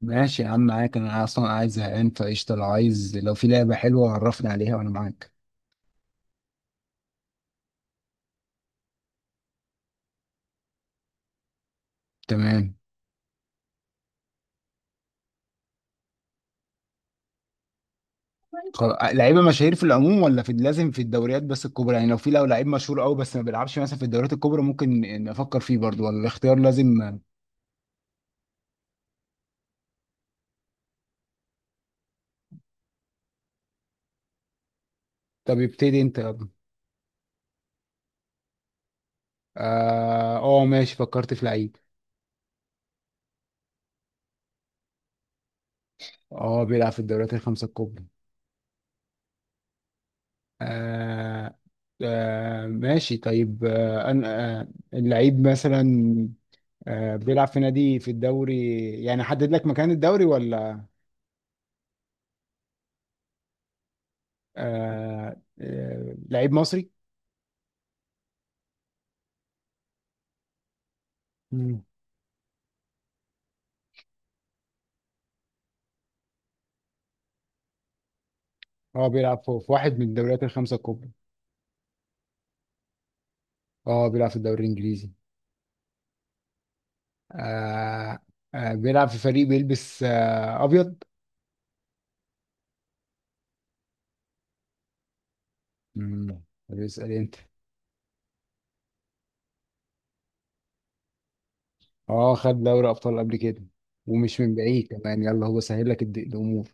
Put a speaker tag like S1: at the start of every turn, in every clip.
S1: ماشي يا عم، معاك. انا اصلا قاعد زهقان فقشطه. لو عايز، لو في لعبه حلوه عرفني عليها وانا معاك. تمام. خلاص، لعيبه مشاهير في العموم ولا في لازم في الدوريات بس الكبرى؟ يعني لو لعيب مشهور قوي بس ما بيلعبش مثلا في الدوريات الكبرى، ممكن نفكر فيه برضو، ولا الاختيار لازم؟ طب ابتدي انت، يلا. اه آه، ماشي. فكرت في لعيب. اه، بيلعب في الدوريات الخمسه الكبرى. آه. ماشي طيب. أنا. اللعيب مثلا، بيلعب في نادي في الدوري، يعني حدد لك مكان الدوري ولا؟ لعيب مصري؟ مم. اه، بيلعب في واحد من الدوريات الخمسة الكبرى. اه، بيلعب في الدوري الإنجليزي. آه. بيلعب في فريق بيلبس أبيض. بيسأل أنت. اه، خد دوري أبطال قبل كده، ومش من بعيد كمان. يلا هو سهل لك الأمور.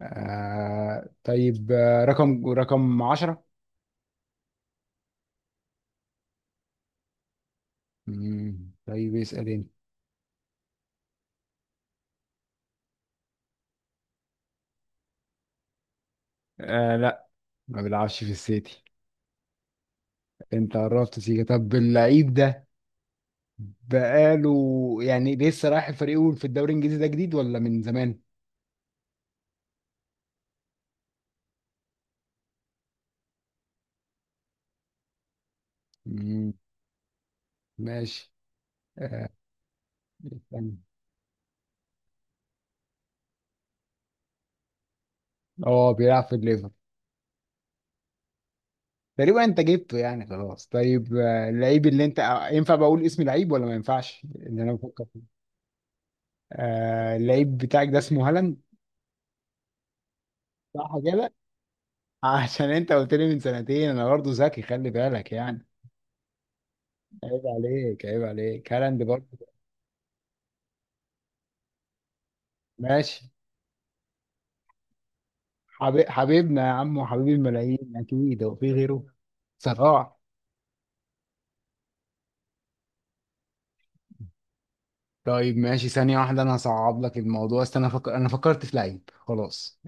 S1: آه طيب. رقم 10. طيب، اسأل أنت. لا، ما بيلعبش في السيتي. انت قربت سيكا. طب اللعيب ده بقاله، يعني لسه رايح الفريق في الدوري الانجليزي، ده جديد ولا من زمان؟ مم. ماشي. اه، استنى. اه، بيلعب في الليفر. تقريبا انت جبته يعني، خلاص. طيب اللعيب اللي انت، ينفع بقول اسم لعيب ولا ما ينفعش؟ اللي انا بفكر فيه. اللعيب بتاعك ده اسمه هالاند. صح كده؟ عشان انت قلت لي من سنتين، انا برضه ذكي، خلي بالك يعني. عيب عليك، عيب عليك، هالاند برضه. ماشي. حبيبنا يا عم، وحبيب الملايين. اكيد هو في غيره، صراحة. طيب ماشي، ثانية واحدة أنا هصعب لك الموضوع. استنى، أنا فكرت في لعيب خلاص.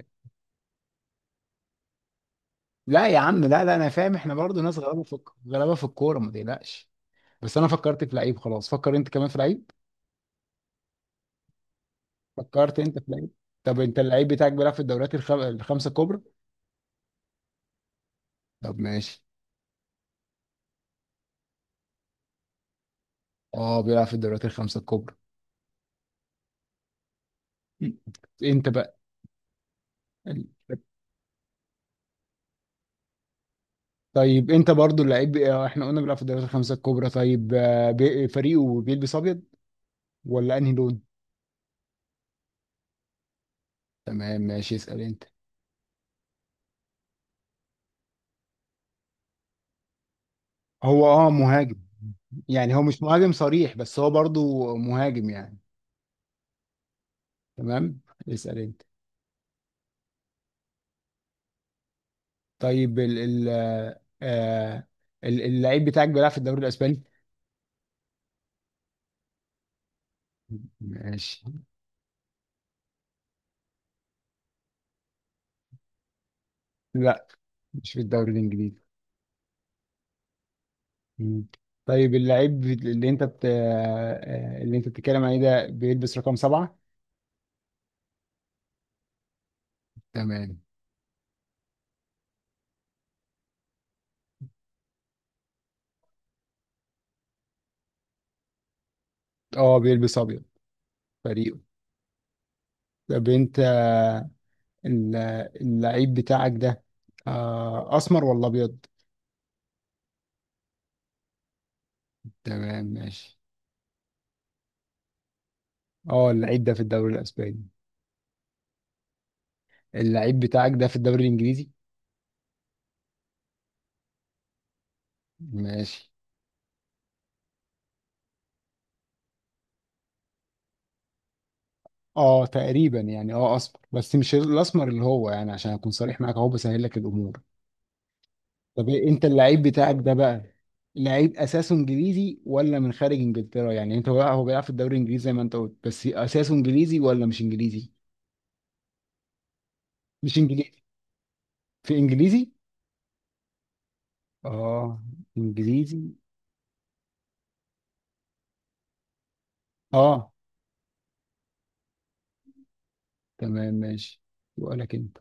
S1: لا يا عم، لا، لا، أنا فاهم. إحنا برضه ناس غلابة في الكورة، ما تقلقش. بس أنا فكرت في لعيب خلاص، فكر أنت كمان في لعيب. فكرت أنت في لعيب؟ طب أنت، اللعيب بتاعك بيلعب في الدوريات الخمسة الكبرى؟ طب ماشي. أه، بيلعب في الدوريات الخمسة الكبرى. أنت بقى. طيب انت برضو، اللعيب احنا قلنا بيلعب في الدوريات الخمسه الكبرى. طيب فريقه بيلبس ابيض ولا انهي لون؟ تمام ماشي، اسال انت. هو مهاجم. يعني هو مش مهاجم صريح، بس هو برضو مهاجم يعني. تمام، اسال انت. طيب ال ال آه، آه، ال- اللعيب بتاعك بيلعب في الدوري الاسباني؟ ماشي. لا، مش في الدوري الانجليزي. مم. طيب، اللعيب اللي انت بت... آه، آه، اللي انت بتتكلم عليه ده بيلبس رقم سبعة؟ تمام. اه، بيلبس ابيض فريقه. طب انت، ال- اللعيب بتاعك ده اسمر ولا ابيض؟ تمام ماشي. اه، اللعيب ده في الدوري الاسباني. اللعيب بتاعك ده في الدوري الانجليزي؟ ماشي. اه، تقريبا يعني اسمر، بس مش الاسمر اللي هو يعني، عشان اكون صريح معاك اهو بسهل لك الامور. طب انت، اللعيب بتاعك ده بقى لعيب اساسه انجليزي ولا من خارج انجلترا؟ يعني انت بقى، هو بيلعب في الدوري الانجليزي زي ما انت قلت، بس اساسه انجليزي ولا مش انجليزي؟ مش انجليزي. في انجليزي. اه. انجليزي. اه. تمام ماشي. وقالك انت؟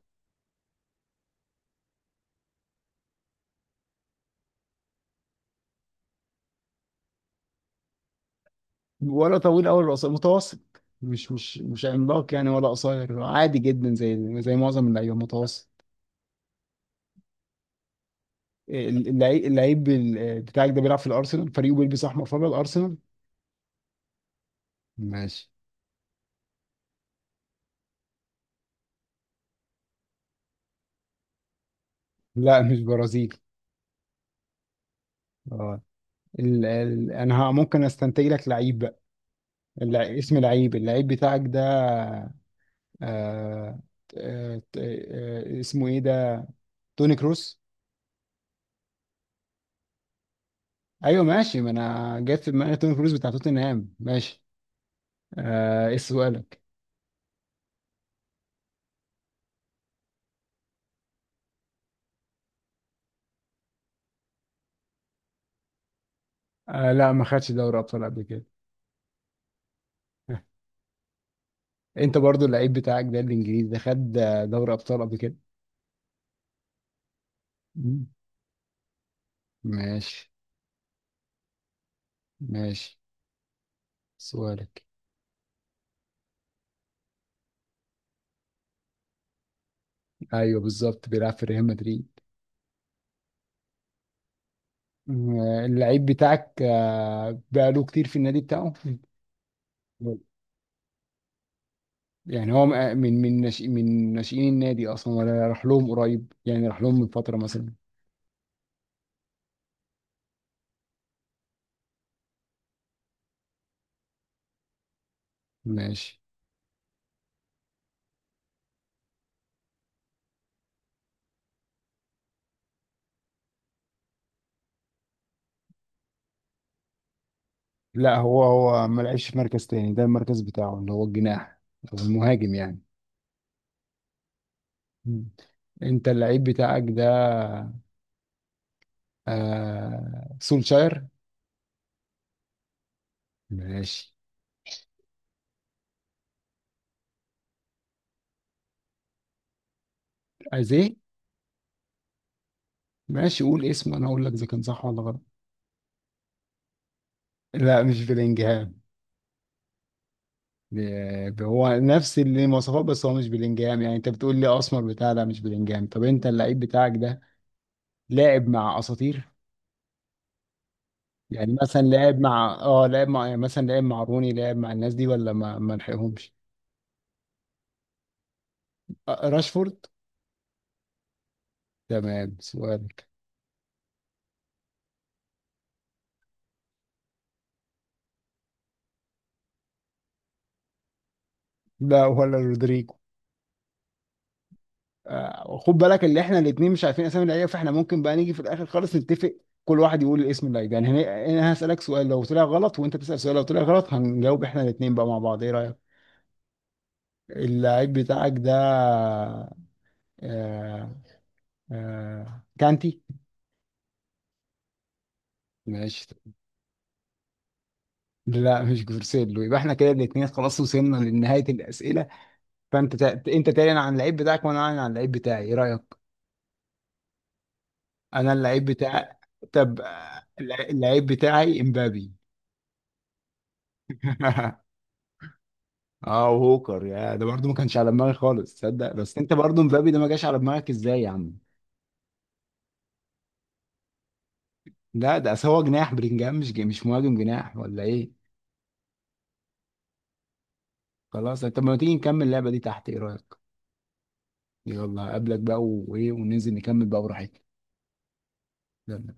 S1: ولا طويل قوي، ولا قصير، متوسط. مش عملاق يعني، ولا قصير عادي جدا، زي معظم اللعيبه، متوسط. اللعيب بتاعك ده بيلعب في الارسنال، فريقه بيلبس احمر فابيض، ارسنال؟ ماشي. لا، مش برازيلي. اه. ال ال انا ممكن استنتج لك لعيب بقى. اسم لعيب، اللعيب بتاعك ده. آه اسمه ايه ده؟ توني كروس؟ ايوه ماشي. ما انا جت في دماغي توم كروز بتاع توتنهام. ماشي. ايه سؤالك؟ لا، ما خدش دوري ابطال قبل كده. انت برضو، اللعيب بتاعك ده الانجليزي ده، خد دوري ابطال قبل كده؟ مم. ماشي ماشي، سؤالك. ايوه بالظبط، بيلعب في ريال مدريد. مم. اللعيب بتاعك بقاله كتير في النادي بتاعه؟ مم. يعني هو من ناشئين النادي اصلا، ولا راح لهم قريب يعني راح لهم من فترة مثلا؟ ماشي. لا، هو ما لعبش في مركز تاني، ده المركز بتاعه اللي هو الجناح، او المهاجم يعني. مم. انت اللعيب بتاعك ده سولشاير؟ ماشي. ازيه؟ ماشي، قول اسمه انا اقول لك اذا كان صح ولا غلط. لا، مش بلينجهام. هو نفس المواصفات، بس هو مش بلينجهام يعني، انت بتقول لي اسمر بتاع، لا مش بلينجهام. طب انت، اللعيب بتاعك ده لاعب مع اساطير؟ يعني مثلا لعب مع لعب مع يعني مثلا لعب مع روني، لعب مع الناس دي ولا ما لحقهمش؟ راشفورد؟ تمام، سؤالك. لا، ولا رودريجو. خد بالك، اللي احنا الاثنين مش عارفين اسامي اللعيبه، فاحنا ممكن بقى نيجي في الاخر خالص نتفق. كل واحد يقول الاسم اللعيب يعني، انا هسالك سؤال لو طلع غلط، وانت تسال سؤال لو طلع غلط، هنجاوب احنا الاثنين بقى مع بعض، ايه رايك؟ اللعيب بتاعك ده آه كانتي؟ ماشي. لا، مش جورسيلو. يبقى احنا كده الاثنين خلاص وصلنا لنهايه الاسئله. فانت انت تعلن عن اللعيب بتاعك وانا اعلن عن اللعيب بتاعي، ايه رايك؟ انا اللعيب بتاع. طب، اللعيب بتاعي امبابي. اه، وهوكر يا! ده برضه ما كانش على دماغي خالص تصدق. بس انت برضه، امبابي ده ما جاش على دماغك ازاي يا عم؟ لا، ده أصل هو جناح بلينجهام، مش مش مهاجم، جناح ولا ايه؟ خلاص، طب ما تيجي نكمل اللعبه دي تحت، ايه رايك؟ يلا اقابلك بقى وايه، وننزل نكمل بقى براحتنا. يلا.